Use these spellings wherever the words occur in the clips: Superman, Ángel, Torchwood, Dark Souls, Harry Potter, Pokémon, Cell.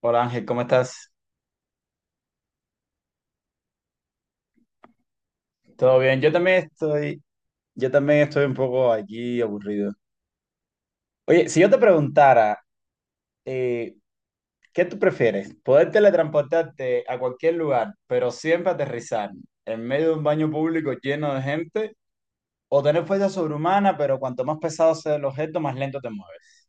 Hola, Ángel, ¿cómo estás? ¿Todo bien? Yo también estoy un poco aquí aburrido. Oye, si yo te preguntara, eh, ¿qué tú prefieres? ¿Poder teletransportarte a cualquier lugar, pero siempre aterrizar en medio de un baño público lleno de gente? ¿O tener fuerza sobrehumana, pero cuanto más pesado sea el objeto, más lento te mueves?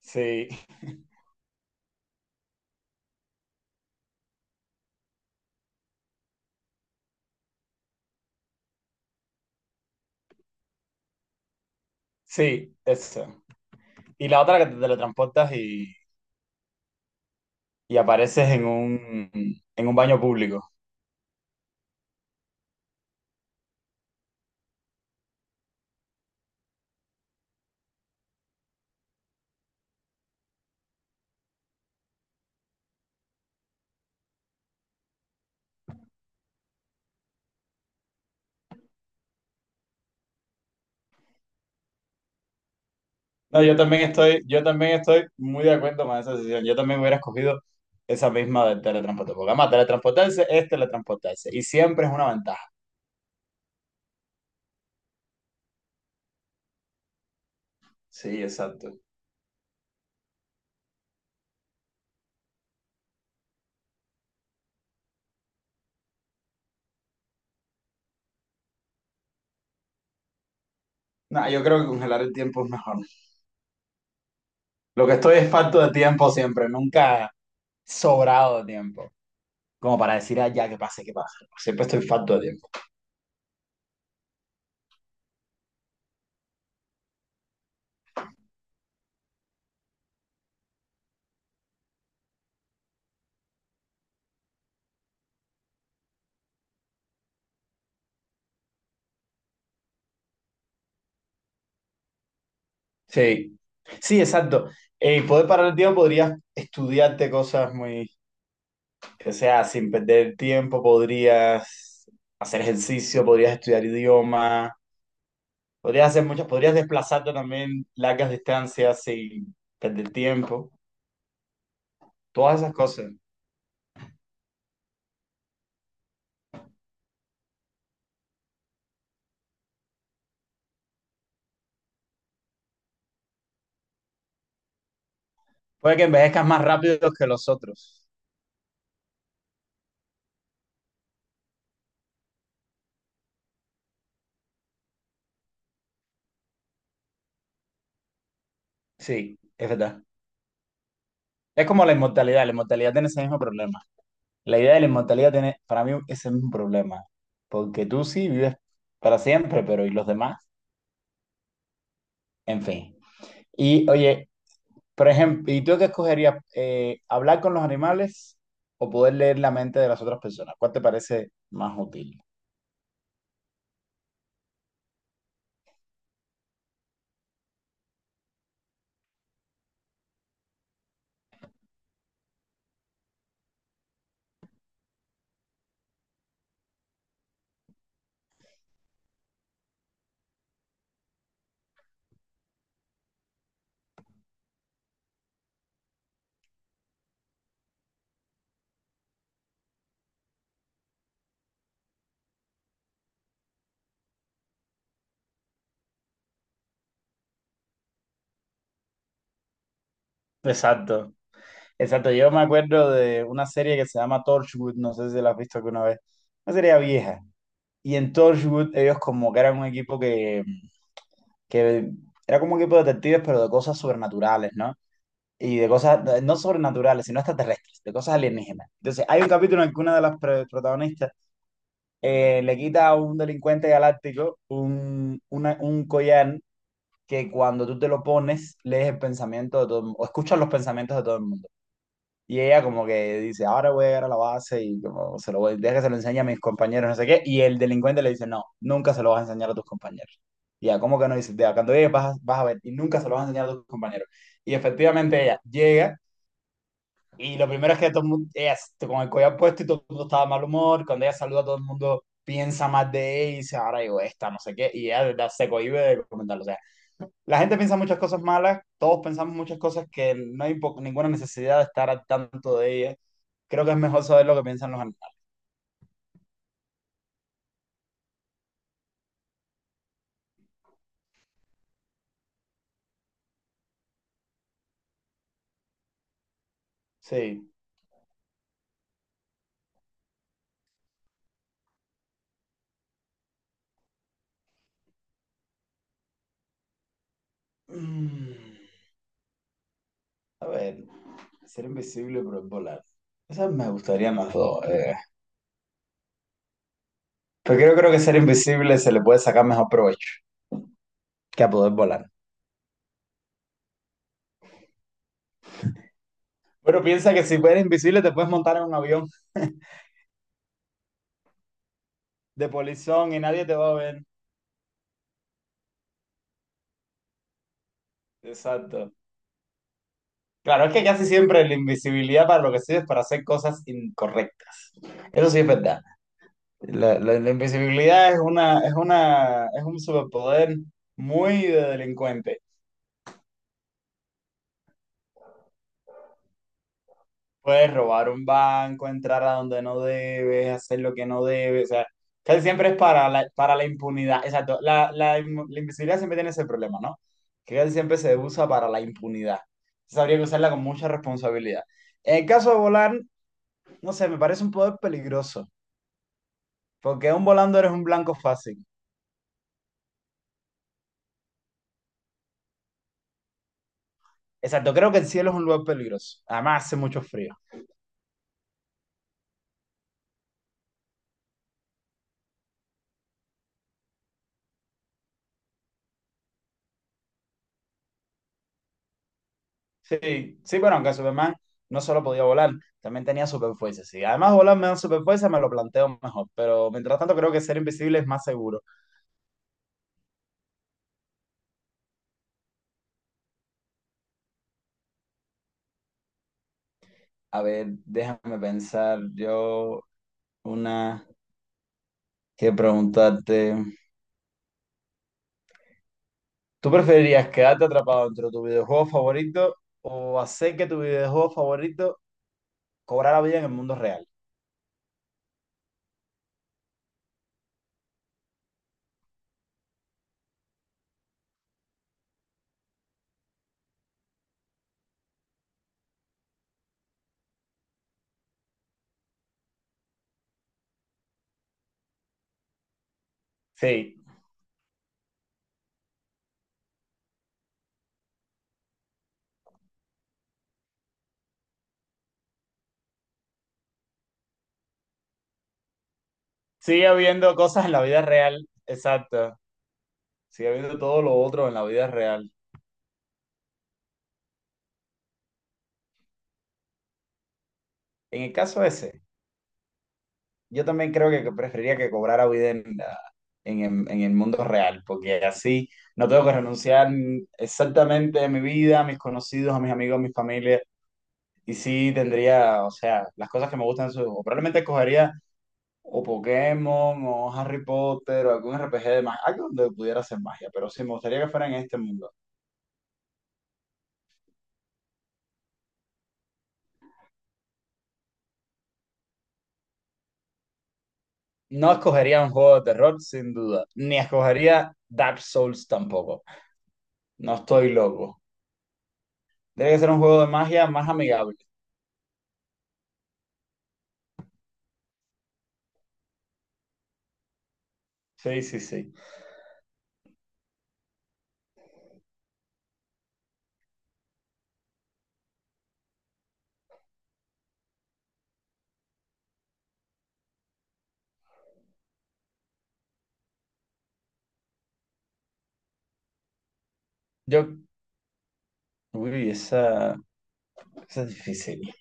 Sí, sí, eso. Y la otra que te teletransportas y apareces en un baño público. No, yo también estoy muy de acuerdo con esa decisión. Yo también hubiera escogido esa misma del teletransporte. Porque además, teletransportarse es teletransportarse. Y siempre es una ventaja. Sí, exacto. No, yo creo que congelar el tiempo es mejor. Lo que estoy es falto de tiempo siempre. Nunca sobrado de tiempo. Como para decir, ah, ya, que pase, que pase. Siempre estoy falto de tiempo. Sí. Sí, exacto. Y poder parar el tiempo podrías estudiarte cosas muy... O sea, sin perder tiempo podrías hacer ejercicio, podrías estudiar idioma, podrías hacer muchas, podrías desplazarte también largas distancias sin perder tiempo, todas esas cosas. Puede que envejezcas más rápido que los otros. Sí, es verdad. Es como la inmortalidad tiene ese mismo problema. La idea de la inmortalidad tiene para mí ese mismo problema, porque tú sí vives para siempre, pero ¿y los demás? En fin. Y oye, por ejemplo, ¿y tú qué escogerías? ¿Hablar con los animales o poder leer la mente de las otras personas? ¿Cuál te parece más útil? Exacto, exacto. Yo me acuerdo de una serie que se llama Torchwood, no sé si la has visto alguna vez, una serie vieja. Y en Torchwood ellos como que eran un equipo que era como un equipo de detectives, pero de cosas sobrenaturales, ¿no? Y de cosas, no sobrenaturales, sino extraterrestres, de cosas alienígenas. Entonces, hay un capítulo en el que una de las protagonistas le quita a un delincuente galáctico un, un collar que cuando tú te lo pones, lees el pensamiento de todo el mundo, o escuchas los pensamientos de todo el mundo. Y ella como que dice, ahora voy a llegar a la base y como se lo voy, deja que se lo enseñe a mis compañeros, no sé qué. Y el delincuente le dice, no, nunca se lo vas a enseñar a tus compañeros. Y ya, ¿cómo que no? Dice, "Ya, cuando llegues vas a ver y nunca se lo vas a enseñar a tus compañeros". Y efectivamente ella llega y lo primero es que todo el mundo, ella con el collar puesto y todo el mundo estaba de mal humor. Cuando ella saluda, todo el mundo piensa más de ella y dice, ahora digo esta, no sé qué. Y ella de verdad se cohíbe de comentarlo. O sea, la gente piensa muchas cosas malas, todos pensamos muchas cosas que no hay ninguna necesidad de estar al tanto de ella. Creo que es mejor saber lo que piensan los animales. Sí. Mm, a ver, ser invisible pero es volar. Esas me gustarían las dos. Pero creo que ser invisible se le puede sacar mejor provecho que a poder volar. Bueno, piensa que si eres invisible te puedes montar en un avión de polizón y nadie te va a ver. Exacto. Claro, es que casi siempre la invisibilidad para lo que sirve es para hacer cosas incorrectas. Eso sí es verdad. La, la invisibilidad es un superpoder muy de delincuente. Puedes robar un banco, entrar a donde no debes, hacer lo que no debes, o sea, casi siempre es para la impunidad, exacto, la, la invisibilidad siempre tiene ese problema, ¿no? Que casi siempre se usa para la impunidad, entonces habría que usarla con mucha responsabilidad. En el caso de volar, no sé, me parece un poder peligroso, porque un volando eres un blanco fácil, exacto, creo que el cielo es un lugar peligroso, además hace mucho frío. Sí, sí, bueno, aunque Superman no solo podía volar, también tenía superfuerza, sí. Además, volar me da superfuerza, me lo planteo mejor, pero mientras tanto creo que ser invisible es más seguro. A ver, déjame pensar yo una que preguntarte. ¿Tú preferirías quedarte atrapado dentro de tu videojuego favorito o hacer que tu videojuego favorito cobrara vida en el mundo real? Sí, sigue habiendo cosas en la vida real, exacto. Sigue habiendo todo lo otro en la vida real. En el caso ese. Yo también creo que preferiría que cobrara vida en el mundo real, porque así no tengo que renunciar exactamente a mi vida, a mis conocidos, a mis amigos, a mi familia, y sí tendría, o sea, las cosas que me gustan en su juego. Probablemente escogería o Pokémon, o Harry Potter, o algún RPG de magia, algo donde pudiera hacer magia, pero sí me gustaría que fuera en este mundo. No escogería un juego de terror, sin duda, ni escogería Dark Souls tampoco. No estoy loco. Tiene que ser un juego de magia más amigable. Sí, sí, sí. Yo, uy, esa es difícil.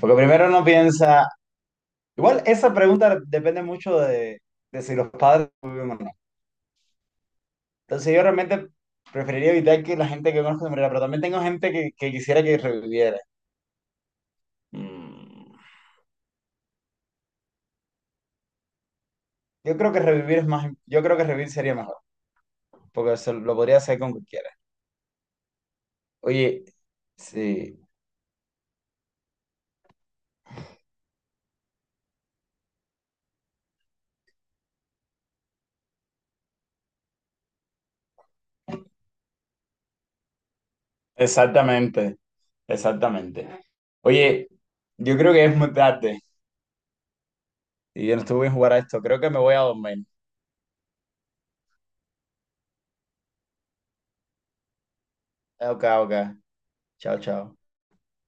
Porque primero uno piensa, igual esa pregunta depende mucho de si los padres tuvieron o no. Entonces yo realmente preferiría evitar que la gente que conozco se muriera, pero también tengo gente que quisiera que reviviera. Mm. Yo creo que revivir es más, yo creo que revivir sería mejor, porque se lo podría hacer con cualquiera. Oye, sí, exactamente, exactamente. Oye, yo creo que es muy tarde y yo no estuve bien jugar a esto, creo que me voy a dormir. Ok, ok. Chao, chao.